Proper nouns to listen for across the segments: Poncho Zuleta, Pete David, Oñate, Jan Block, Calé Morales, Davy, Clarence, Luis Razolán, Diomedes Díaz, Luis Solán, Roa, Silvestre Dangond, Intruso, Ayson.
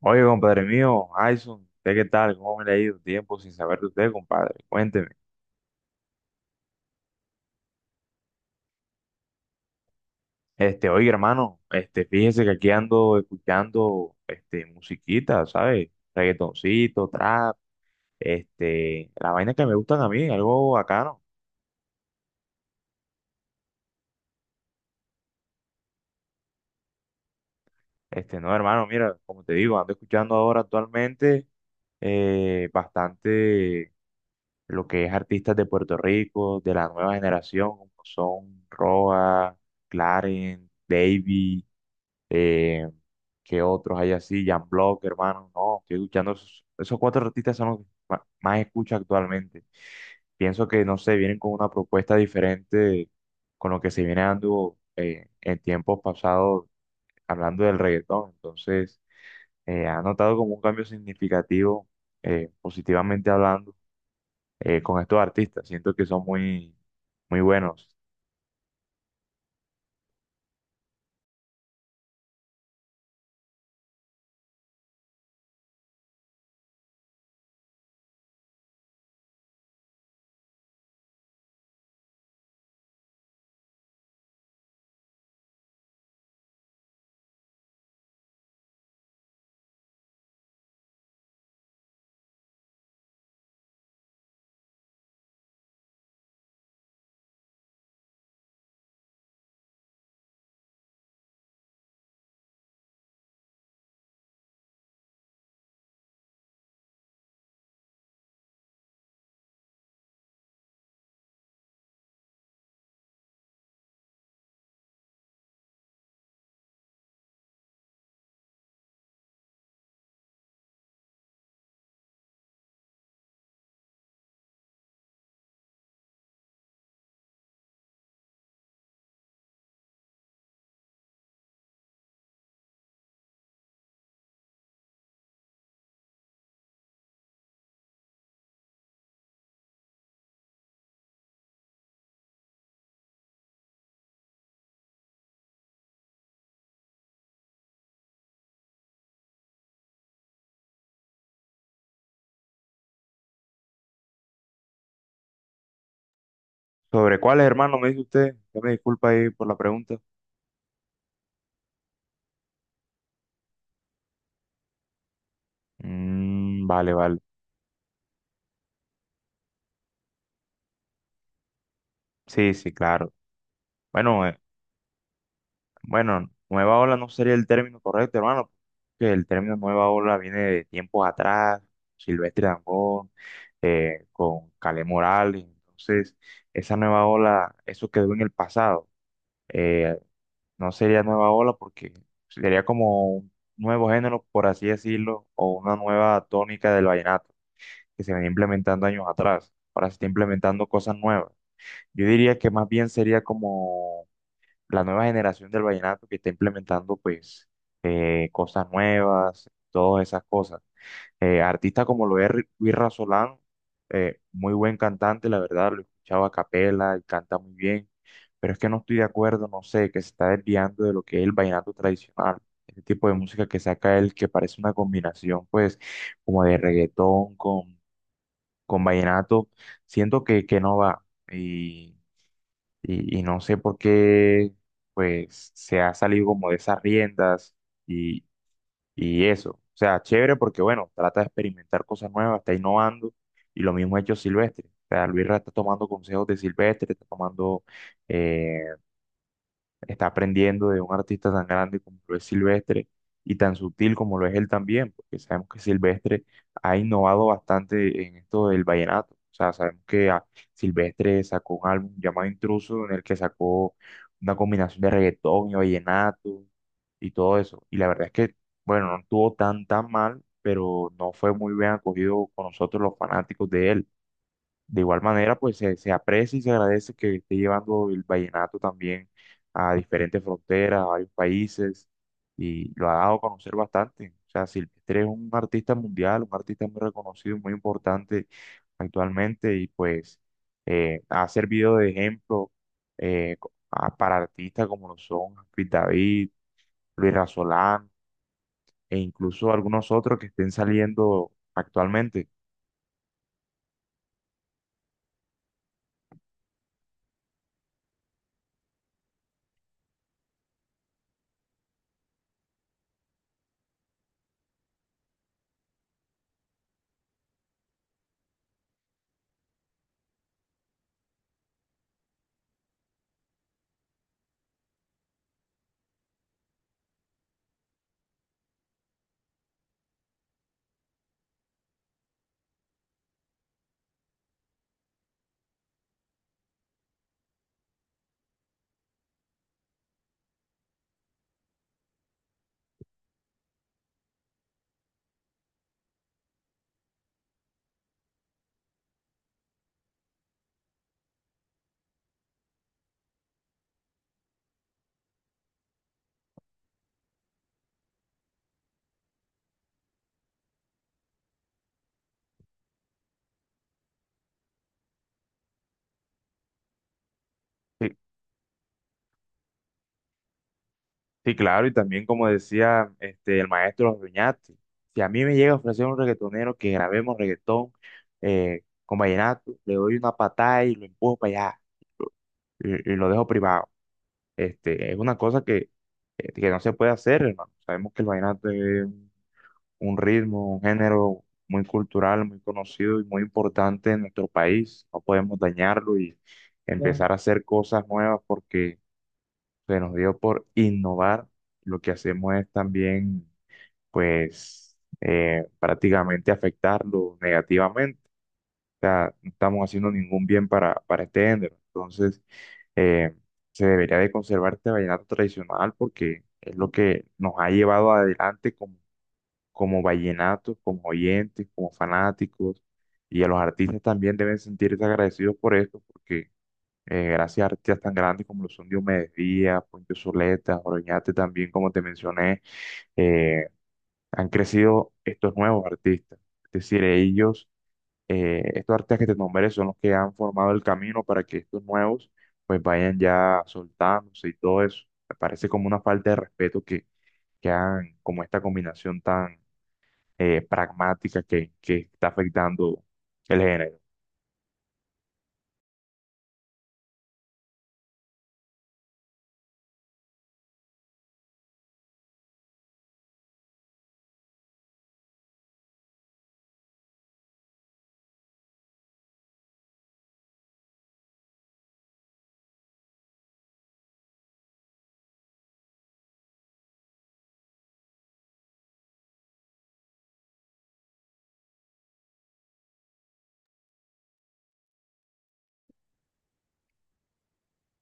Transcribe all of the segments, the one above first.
Oye, compadre mío, Ayson, ¿usted qué tal? ¿Cómo me le ha ido? Tiempo sin saber de usted, compadre. Cuénteme. Oye, hermano, fíjese que aquí ando escuchando, musiquita, ¿sabes? Reggaetoncito, trap, la vaina que me gustan a mí, algo bacano. No, hermano, mira, como te digo, ando escuchando ahora actualmente bastante lo que es artistas de Puerto Rico, de la nueva generación, como son Roa, Clarence, Davy. Eh, ¿Qué otros hay así? Jan Block, hermano. No, estoy escuchando esos cuatro artistas son los que más escucho actualmente. Pienso que, no sé, vienen con una propuesta diferente con lo que se viene dando en tiempos pasados hablando del reggaetón. Entonces, ha notado como un cambio significativo, positivamente hablando, con estos artistas. Siento que son muy, muy buenos. ¿Sobre cuáles, hermano, me dice usted? Ya me disculpa ahí por la pregunta. Mm, vale, vale. Sí, sí, claro. Bueno, bueno, nueva ola no sería el término correcto, hermano, porque el término nueva ola viene de tiempos atrás, Silvestre Dangond, con Calé Morales, entonces esa nueva ola, eso quedó en el pasado. Eh, no sería nueva ola porque sería como un nuevo género, por así decirlo, o una nueva tónica del vallenato que se venía implementando años atrás, ahora se está implementando cosas nuevas. Yo diría que más bien sería como la nueva generación del vallenato que está implementando pues cosas nuevas, todas esas cosas. Artistas como lo es Luis Razolán, muy buen cantante, la verdad, lo he escuchado a capela y canta muy bien, pero es que no estoy de acuerdo, no sé, que se está desviando de lo que es el vallenato tradicional. Este tipo de música que saca él, que parece una combinación, pues, como de reggaetón con vallenato, siento que no va y no sé por qué, pues, se ha salido como de esas riendas y, y eso. O sea, chévere porque, bueno, trata de experimentar cosas nuevas, está innovando y lo mismo ha hecho Silvestre. O sea, Luis Ra está tomando consejos de Silvestre, está tomando eh, está aprendiendo de un artista tan grande como lo es Silvestre y tan sutil como lo es él también, porque sabemos que Silvestre ha innovado bastante en esto del vallenato. O sea, sabemos que Silvestre sacó un álbum llamado Intruso en el que sacó una combinación de reggaetón y vallenato y todo eso. Y la verdad es que, bueno, no estuvo tan tan mal, pero no fue muy bien acogido con nosotros los fanáticos de él. De igual manera, pues se aprecia y se agradece que esté llevando el vallenato también a diferentes fronteras, a varios países, y lo ha dado a conocer bastante. O sea, Silvestre es un artista mundial, un artista muy reconocido, muy importante actualmente, y pues ha servido de ejemplo para artistas como lo son Pete David, Luis Solán, e incluso algunos otros que estén saliendo actualmente. Sí. Sí, claro, y también como decía este, el maestro Oñate, si a mí me llega a ofrecer un reggaetonero que grabemos reggaetón con vallenato, le doy una patada y lo empujo para allá y lo dejo privado. Este, es una cosa que no se puede hacer, hermano. Sabemos que el vallenato es un ritmo, un género muy cultural, muy conocido y muy importante en nuestro país. No podemos dañarlo y Claro. Empezar a hacer cosas nuevas porque se nos dio por innovar. Lo que hacemos es también pues prácticamente afectarlo negativamente. O sea, no estamos haciendo ningún bien para este género. Entonces, eh, se debería de conservar este vallenato tradicional porque es lo que nos ha llevado adelante como, como vallenatos, como oyentes, como fanáticos. Y a los artistas también deben sentirse agradecidos por esto porque gracias a artistas tan grandes como lo son Diomedes Díaz, Poncho Zuleta, Oroñate también, como te mencioné, eh, han crecido estos nuevos artistas. Es decir, ellos, estos artistas que te nombré son los que han formado el camino para que estos nuevos pues vayan ya soltándose y todo eso. Me parece como una falta de respeto que hagan como esta combinación tan pragmática que está afectando el género.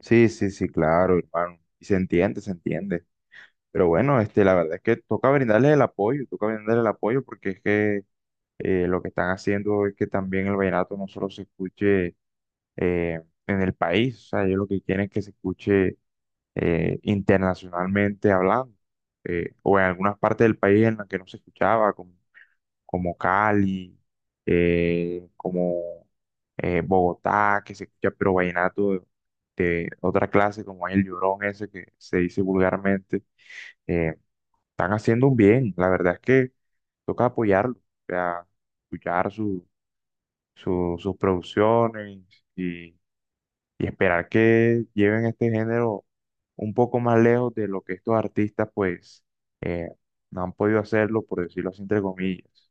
Sí, sí, sí, claro, hermano. Y se entiende, se entiende. Pero bueno, este, la verdad es que toca brindarles el apoyo, toca brindarles el apoyo porque es que lo que están haciendo es que también el vallenato no solo se escuche en el país, o sea, ellos lo que quieren es que se escuche internacionalmente hablando, o en algunas partes del país en las que no se escuchaba, como, como Cali, como Bogotá, que se escucha, pero vallenato de otra clase, como hay el llorón ese que se dice vulgarmente, eh, están haciendo un bien, la verdad es que toca apoyarlo, o sea, escuchar sus producciones y, y esperar que lleven este género un poco más lejos de lo que estos artistas pues eh, no han podido hacerlo, por decirlo así entre comillas.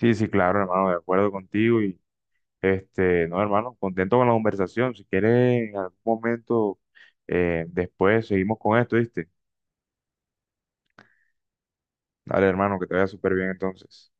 Sí, sí, claro, hermano, de acuerdo contigo y este, no, hermano, contento con la conversación. Si quieres en algún momento después seguimos con esto, ¿viste? Dale, hermano, que te vaya súper bien entonces.